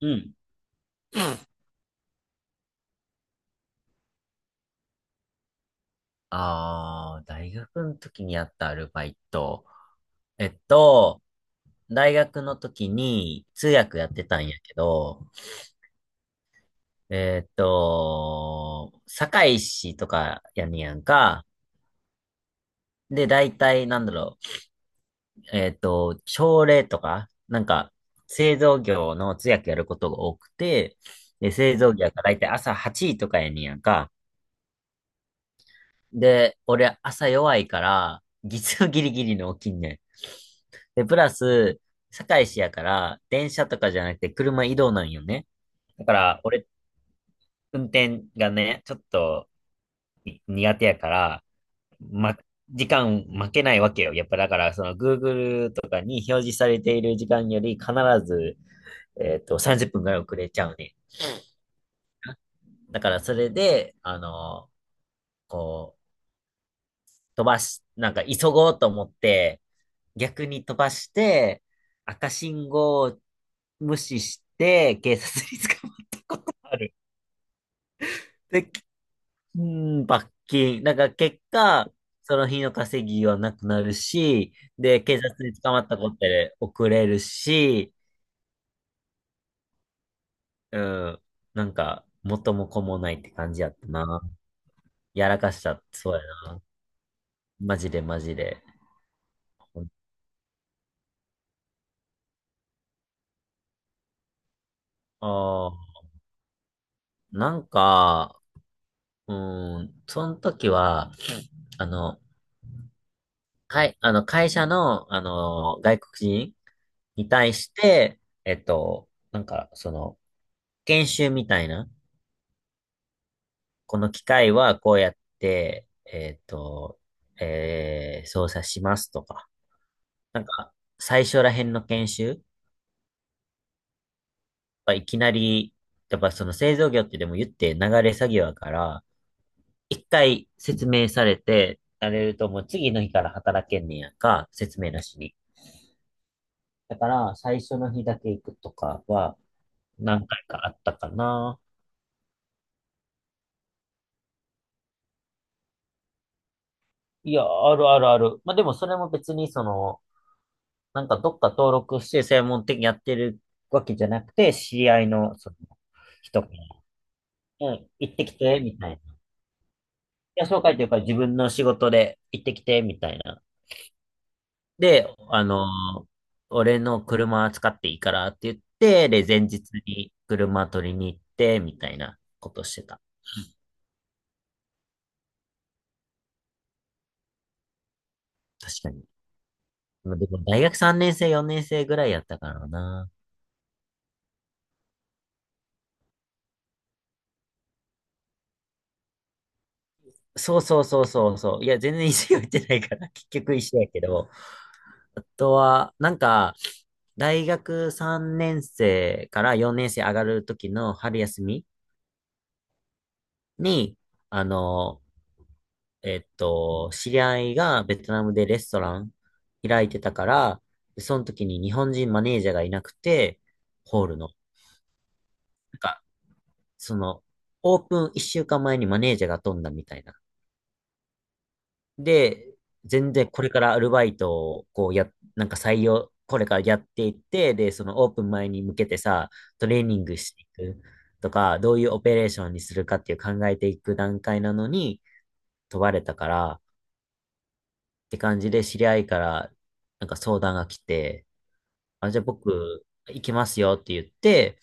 うん。ああ、大学の時にやったアルバイト。えっと、大学の時に通訳やってたんやけど、堺市とかやねやんか。で、大体朝礼とか、なんか、製造業の通訳やることが多くて、で、製造業が大体朝8時とかやねやんか。で、俺朝弱いから、月曜ギリギリの起きんねん。で、プラス、堺市やから、電車とかじゃなくて車移動なんよね。だから、俺、運転がね、ちょっとに苦手やから、ま、時間負けないわけよ。やっぱだから、その Google とかに表示されている時間より必ず、30分ぐらい遅れちゃうね。だから、それで、こう、飛ばし、なんか急ごうと思って、逆に飛ばして、赤信号を無視して、警察に捕まったことがある。で、うん、罰金。だから結果、その日の稼ぎはなくなるし、で、警察に捕まったことで遅れるし、うん、なんか、元も子もないって感じやったな。やらかした、そうやな。マジでマジで。ああ、なんか、うん、その時は、あの、あの、会社の、外国人に対して、なんか、その、研修みたいな、この機械はこうやって、操作しますとか、なんか、最初ら辺の研修はいきなり、やっぱその製造業ってでも言って流れ作業だから、一回説明されて、されるともう次の日から働けんねやんか、説明なしに。だから、最初の日だけ行くとかは、何回かあったかな。いや、あるあるある。まあ、でもそれも別にその、なんかどっか登録して専門的にやってるわけじゃなくて、知り合いのその人から、うん、行ってきて、みたいな。いや、紹介というか自分の仕事で行ってきて、みたいな。で、俺の車使っていいからって言って、で、前日に車取りに行って、みたいなことしてた。確かに。までも大学3年生、4年生ぐらいやったからな。そうそうそうそうそう。いや、全然石を行ってないから、結局石やけど。あとは、なんか、大学3年生から4年生上がる時の春休みに、あの、知り合いがベトナムでレストラン開いてたから、その時に日本人マネージャーがいなくて、ホールの、なんか、その、オープン1週間前にマネージャーが飛んだみたいなで、全然これからアルバイトをこうや、なんか採用、これからやっていって、で、そのオープン前に向けてさ、トレーニングしていくとか、どういうオペレーションにするかっていう考えていく段階なのに問われたからって感じで知り合いからなんか相談が来て、あ、じゃあ僕行きますよって言って、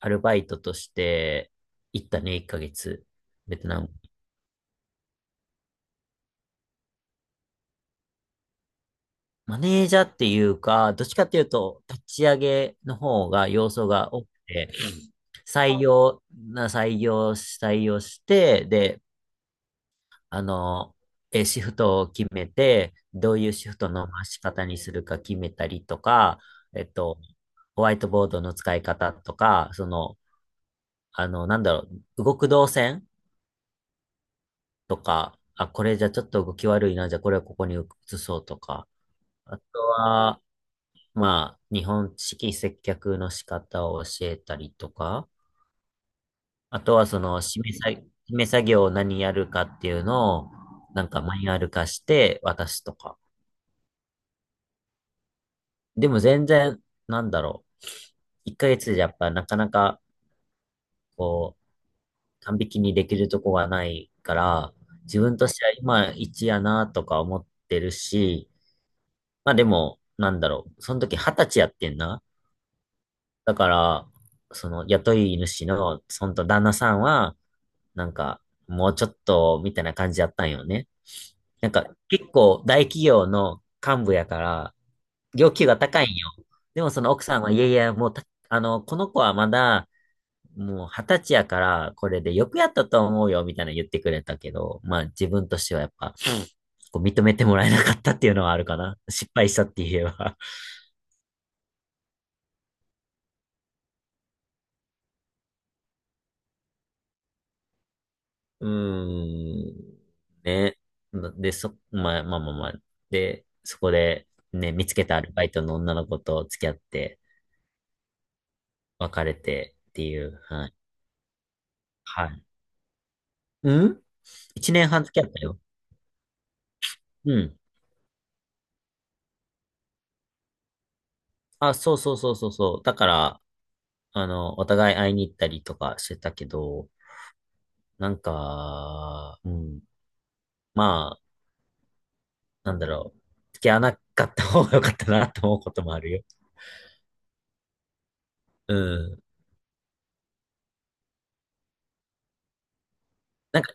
アルバイトとして行ったね、1ヶ月。ベトナム。マネージャーっていうか、どっちかっていうと、立ち上げの方が要素が多くて、採用、採用して、で、あの、シフトを決めて、どういうシフトの回し方にするか決めたりとか、えっと、ホワイトボードの使い方とか、その、あの、なんだろ動く動線とか、あ、これじゃちょっと動き悪いな、じゃあこれをここに移そうとか、あとは、まあ、日本式接客の仕方を教えたりとか、あとはその、締め作業を何やるかっていうのを、なんかマニュアル化して渡すとか。でも全然、なんだろ1ヶ月じゃやっぱなかなか、こう、完璧にできるとこがないから、自分としては今一やなとか思ってるし、まあでも、その時二十歳やってんな。だから、その雇い主の、その旦那さんは、なんか、もうちょっと、みたいな感じやったんよね。なんか、結構大企業の幹部やから、要求が高いんよ。でもその奥さんは、いやいや、もうた、あの、この子はまだ、もう二十歳やから、これでよくやったと思うよ、みたいな言ってくれたけど、まあ自分としてはやっぱ、こう認めてもらえなかったっていうのはあるかな。失敗したって言えば。うーん、ね。まあまあまあまあ。で、そこで、ね、見つけたアルバイトの女の子と付き合って、別れてっていう、はい。はい。うん、一年半付き合ったよ。うん。あ、そうそうそうそうそう。だから、お互い会いに行ったりとかしてたけど、なんか、うん。まあ、なんだろう。付き合わなかった方が良かったなと思うこともあるよ。うん。なんか、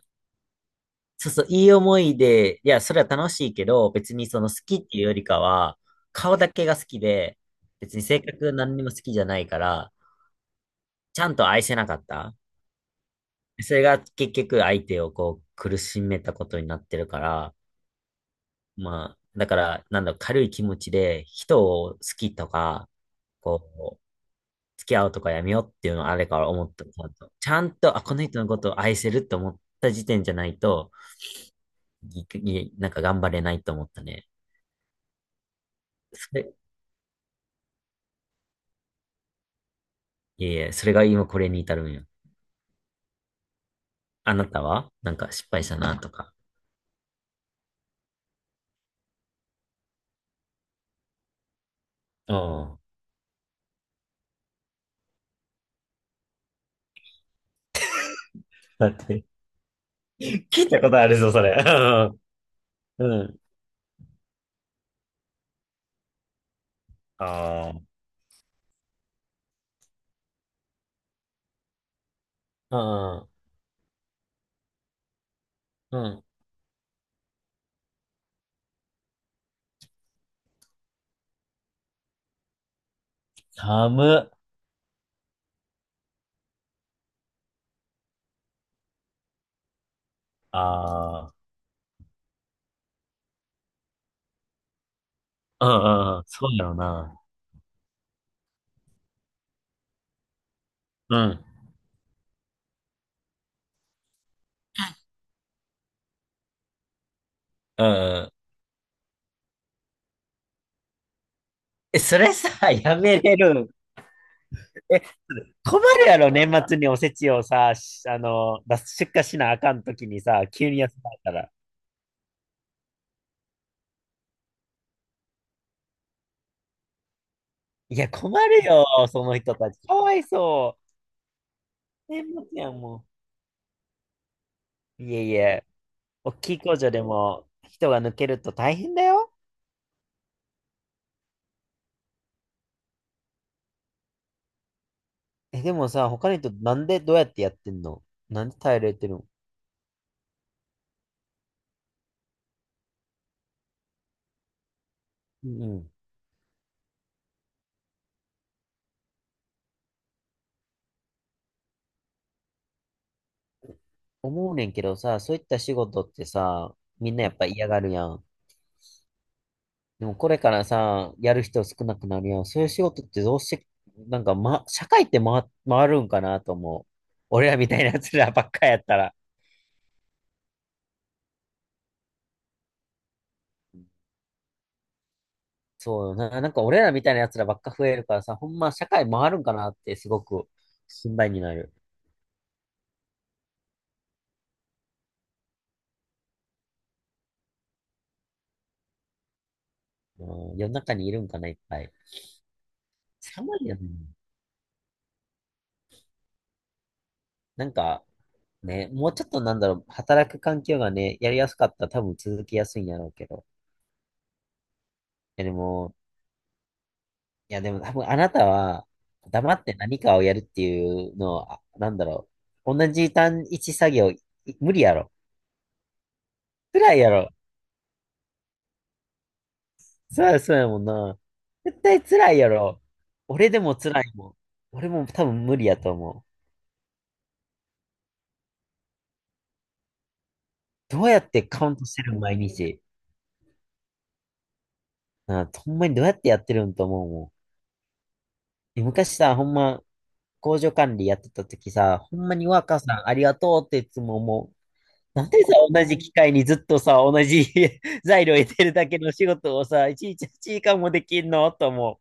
そうそう、いい思いで、いや、それは楽しいけど、別にその好きっていうよりかは、顔だけが好きで、別に性格何にも好きじゃないから、ちゃんと愛せなかった。それが結局相手をこう苦しめたことになってるから、まあ、だから、なんだろう、軽い気持ちで人を好きとか、こう、付き合うとかやめようっていうのはあれから思った。ちゃんと、あ、この人のことを愛せるって思った時点じゃないと、なんか頑張れないと思ったね。それ、いえいえ、それが今これに至るんよ。あなたはなんか失敗したなとか。うん。だって、聞いたことあるぞ、それ。うん。うん。ああ。うん。うん。寒っ。ああ。うんうんうん。そうやろな。うん。うんうん。え、それさ、やめれる。え、困るやろ、年末におせちをさ、しあの、出す出荷しなあかんときにさ、急に休まれたら。いや、困るよ、その人たち。かわいそう。年末やんもん。いえいえ、大きい工場でも人が抜けると大変だよ。え、でもさ、他の人なんでどうやってやってんの、なんで耐えれてるの、うん。思うねんけどさ、そういった仕事ってさ、みんなやっぱ嫌がるやん。でもこれからさ、やる人少なくなるやん。そういう仕事ってどうして、なんか、ま、社会って回、回るんかなと思う。俺らみたいな奴らばっかやったら。そうよな。なんか俺らみたいな奴らばっか増えるからさ、ほんま社会回るんかなってすごく心配になる。うん、世の中にいるんかな、いっぱい。寒いよね。なんか、ね、もうちょっと働く環境がね、やりやすかったら多分続きやすいんやろうけど。いやでも、いや、でも多分あなたは、黙って何かをやるっていうのは、同じ単一作業、無理やろ。辛いやろ。そうや、そうやもんな。絶対辛いやろ。俺でも辛いもん。俺も多分無理やと思う。どうやってカウントしてる毎日。なあ、ほんまにどうやってやってるんと思うもん。昔さ、ほんま、工場管理やってた時さ、ほんまにワーカーさんありがとうっていつも思う。なんでさ、同じ機械にずっとさ、同じ 材料入れてるだけの仕事をさ、いちいち時間もできんのと思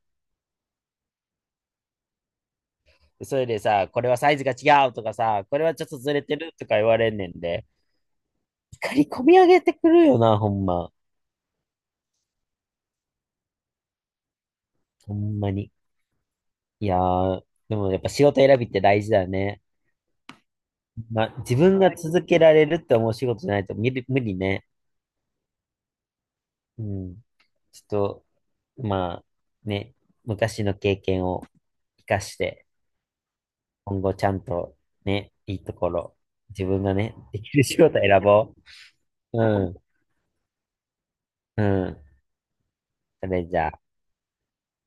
う。それでさ、これはサイズが違うとかさ、これはちょっとずれてるとか言われんねんで、怒り込み上げてくるよな、ほんま。ほんまに。いやー、でもやっぱ仕事選びって大事だよね。まあ、自分が続けられるって思う仕事じゃないと無理、無理ね。うん。ちょっと、まあ、ね、昔の経験を活かして、今後ちゃんとね、いいところ、自分がね、できる仕事選ぼう。うん、うん。それじゃあ。